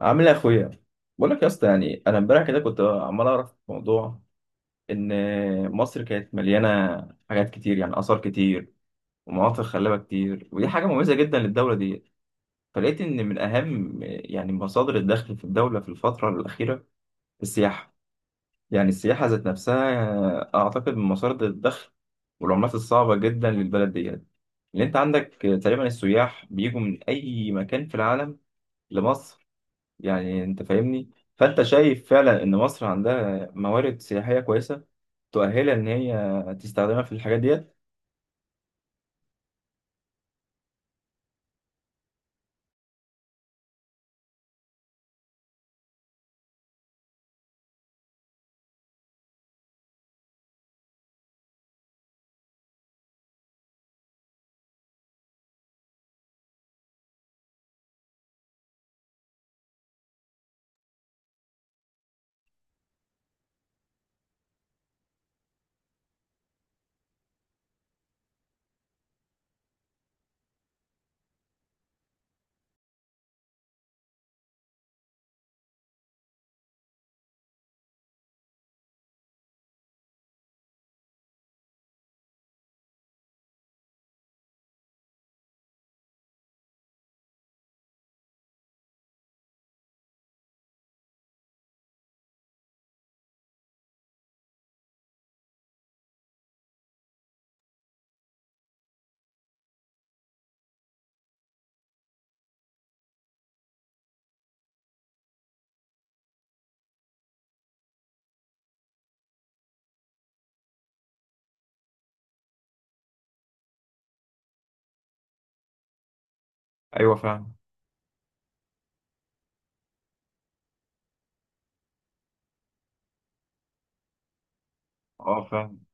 عامل ايه يا اخويا؟ بقول لك يا اسطى، يعني انا امبارح كده كنت عمال اعرف موضوع ان مصر كانت مليانه حاجات كتير، يعني اثار كتير ومناطق خلابه كتير، ودي حاجه مميزه جدا للدوله دي. فلقيت ان من اهم يعني مصادر الدخل في الدوله في الفتره الاخيره السياحه. يعني السياحه ذات نفسها اعتقد من مصادر الدخل والعملات الصعبه جدا للبلد ديت اللي انت عندك. تقريبا السياح بيجوا من اي مكان في العالم لمصر. يعني انت فاهمني؟ فانت شايف فعلا ان مصر عندها موارد سياحية كويسة تؤهلها ان هي تستخدمها في الحاجات ديت. ايوه فاهم. اه فاهم.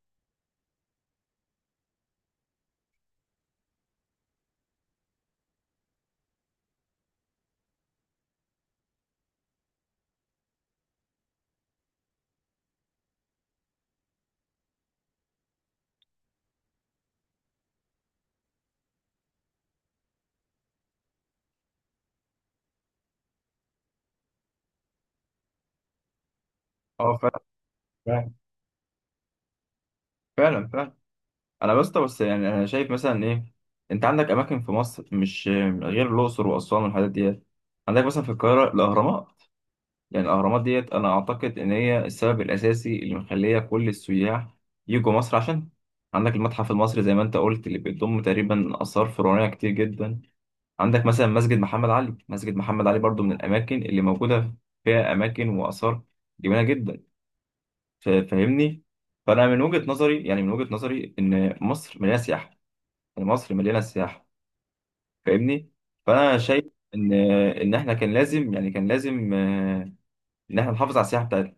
اه فاهم، فاهم. فعلا فاهم. انا بس بس يعني انا شايف مثلا ايه، انت عندك اماكن في مصر مش غير الاقصر واسوان والحاجات ديت. عندك مثلا في القاهرة الاهرامات. يعني الاهرامات ديت انا اعتقد ان هي السبب الاساسي اللي مخليه كل السياح يجوا مصر عشان. عندك المتحف المصري زي ما انت قلت اللي بيضم تقريبا اثار فرعونيه كتير جدا. عندك مثلا مسجد محمد علي برضو من الأماكن اللي موجودة فيها أماكن وآثار جميلة جدا. فاهمني. فأنا من وجهة نظري، يعني من وجهة نظري إن مصر مليانة سياحة، يعني مصر مليانة سياحة. فاهمني؟ فأنا شايف إن إن إحنا كان لازم، إن إحنا نحافظ على السياحة بتاعتنا.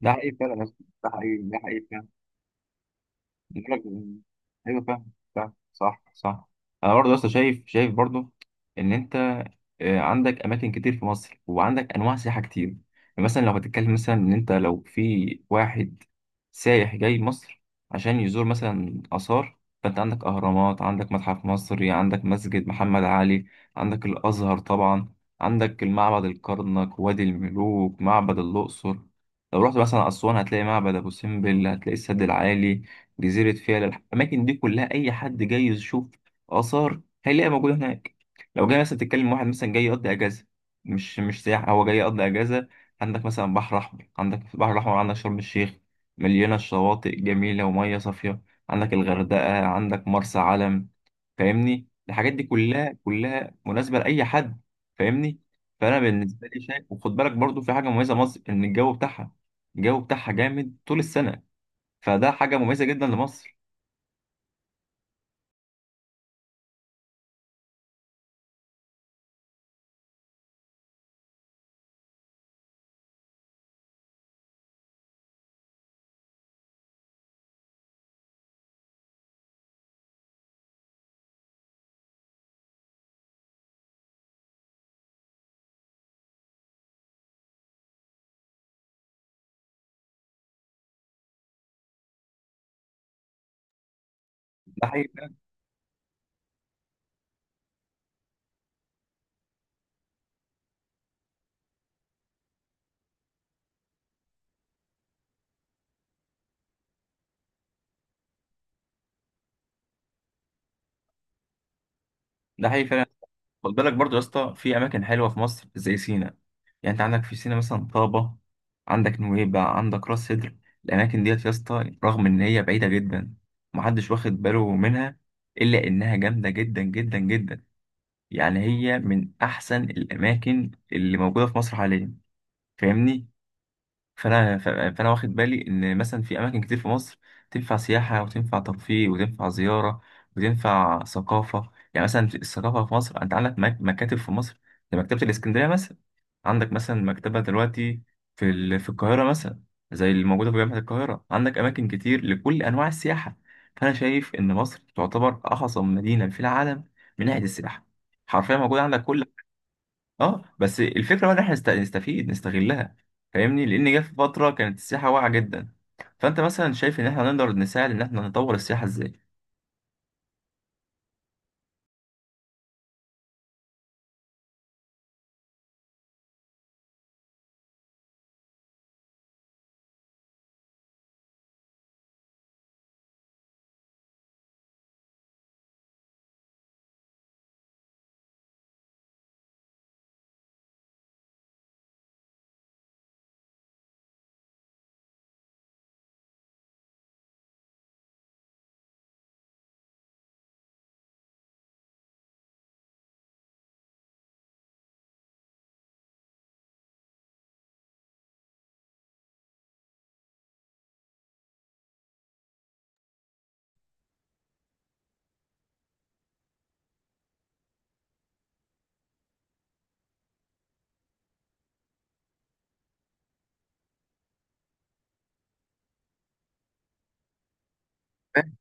ده حقيقي فعلا يا اسطى، ده حقيقي، ده حقيقي. بقولك- ايوه فاهم، فاهم، صح، صح. انا برضه لسه شايف، شايف برضه ان انت عندك اماكن كتير في مصر، وعندك انواع سياحه كتير. يعني مثلا لو هتتكلم مثلا ان انت لو في واحد سايح جاي مصر عشان يزور مثلا اثار، فانت عندك اهرامات، عندك متحف مصري، عندك مسجد محمد علي، عندك الازهر طبعا، عندك المعبد الكرنك، وادي الملوك، معبد الاقصر. لو رحت مثلا اسوان هتلاقي معبد ابو سمبل، هتلاقي السد العالي، جزيرة فيلة. الأماكن دي كلها أي حد جاي يشوف آثار هيلاقيها موجودة هناك. لو جاي مثلا تتكلم واحد مثلا جاي يقضي أجازة، مش سياحة، هو جاي يقضي أجازة. عندك مثلا بحر أحمر، عندك في البحر الأحمر عندك شرم الشيخ، مليانة شواطئ جميلة ومية صافية. عندك الغردقة، عندك مرسى علم. فاهمني؟ الحاجات دي كلها كلها مناسبة لأي حد. فاهمني؟ فأنا بالنسبة لي شايف، وخد بالك برضو في حاجة مميزة مصر إن الجو بتاعها جامد طول السنة. فده حاجه مميزه جدا لمصر. ده حقيقي، ده حقيقي فعلا. خد بالك برضو يا اسطى، في اماكن حلوه في مصر زي سينا. يعني انت عندك في سينا مثلا طابه، عندك نويبع، عندك راس سدر. الاماكن ديت يا اسطى رغم ان هي بعيده جدا محدش واخد باله منها، الا انها جامده جدا جدا جدا. يعني هي من احسن الاماكن اللي موجوده في مصر حاليا. فاهمني؟ فانا فانا واخد بالي ان مثلا في اماكن كتير في مصر تنفع سياحه وتنفع ترفيه وتنفع زياره وتنفع ثقافه. يعني مثلا في الثقافه في مصر انت عندك مكاتب في مصر زي مكتبه الاسكندريه مثلا. عندك مثلا مكتبه دلوقتي في القاهره مثلا، زي اللي موجوده في جامعه القاهره. عندك اماكن كتير لكل انواع السياحه. فانا شايف ان مصر تعتبر احسن مدينه في العالم من ناحيه السياحه. حرفيا موجود عندك كل. اه، بس الفكره بقى ان احنا نستفيد نستغلها. فاهمني؟ لان جه في فتره كانت السياحه واقعه جدا. فانت مثلا شايف ان احنا نقدر نساعد ان احنا نطور السياحه ازاي؟ فاهم؟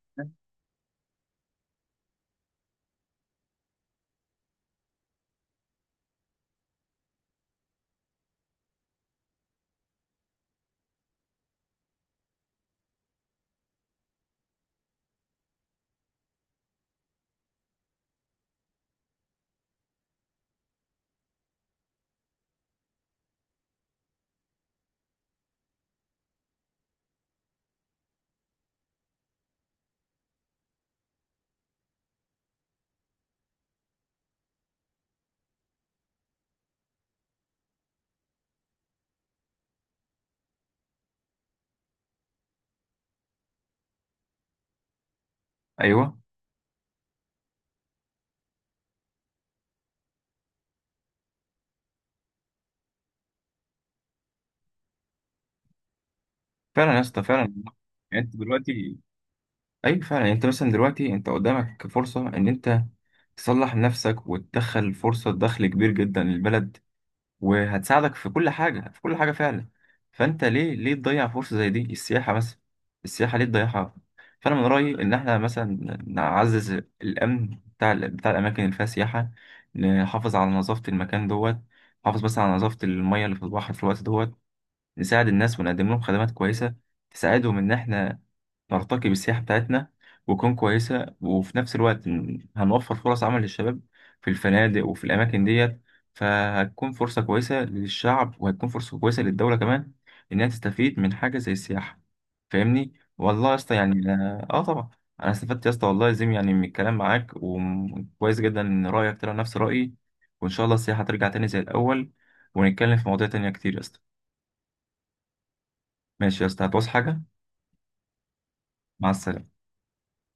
ايوه فعلا يا اسطى، فعلا. يعني انت دلوقتي، ايوه فعلا، يعني انت مثلا دلوقتي انت قدامك فرصه ان انت تصلح نفسك وتدخل فرصه دخل كبير جدا للبلد، وهتساعدك في كل حاجة في كل حاجة فعلا. فأنت ليه ليه تضيع فرصة زي دي؟ السياحة مثلا، السياحة ليه تضيعها؟ فأنا من رأيي إن إحنا مثلا نعزز الأمن بتاع بتاع الأماكن اللي فيها سياحة، نحافظ على نظافة المكان دوت، نحافظ مثلا على نظافة المية اللي في البحر في الوقت دوت، نساعد الناس ونقدم لهم خدمات كويسة تساعدهم إن إحنا نرتقي بالسياحة بتاعتنا وتكون كويسة، وفي نفس الوقت هنوفر فرص عمل للشباب في الفنادق وفي الأماكن ديت. فهتكون فرصة كويسة للشعب، وهتكون فرصة كويسة للدولة كمان، إنها تستفيد من حاجة زي السياحة. فاهمني؟ والله يا اسطى، يعني طبعا، أنا استفدت يا اسطى، والله يا زيم يعني من الكلام معاك، وكويس جدا إن رأيك طلع نفس رأيي. وإن شاء الله السياحة ترجع تاني زي الأول، ونتكلم في مواضيع تانية كتير يا اسطى. ماشي يا اسطى، هتعوز حاجة؟ مع السلامة.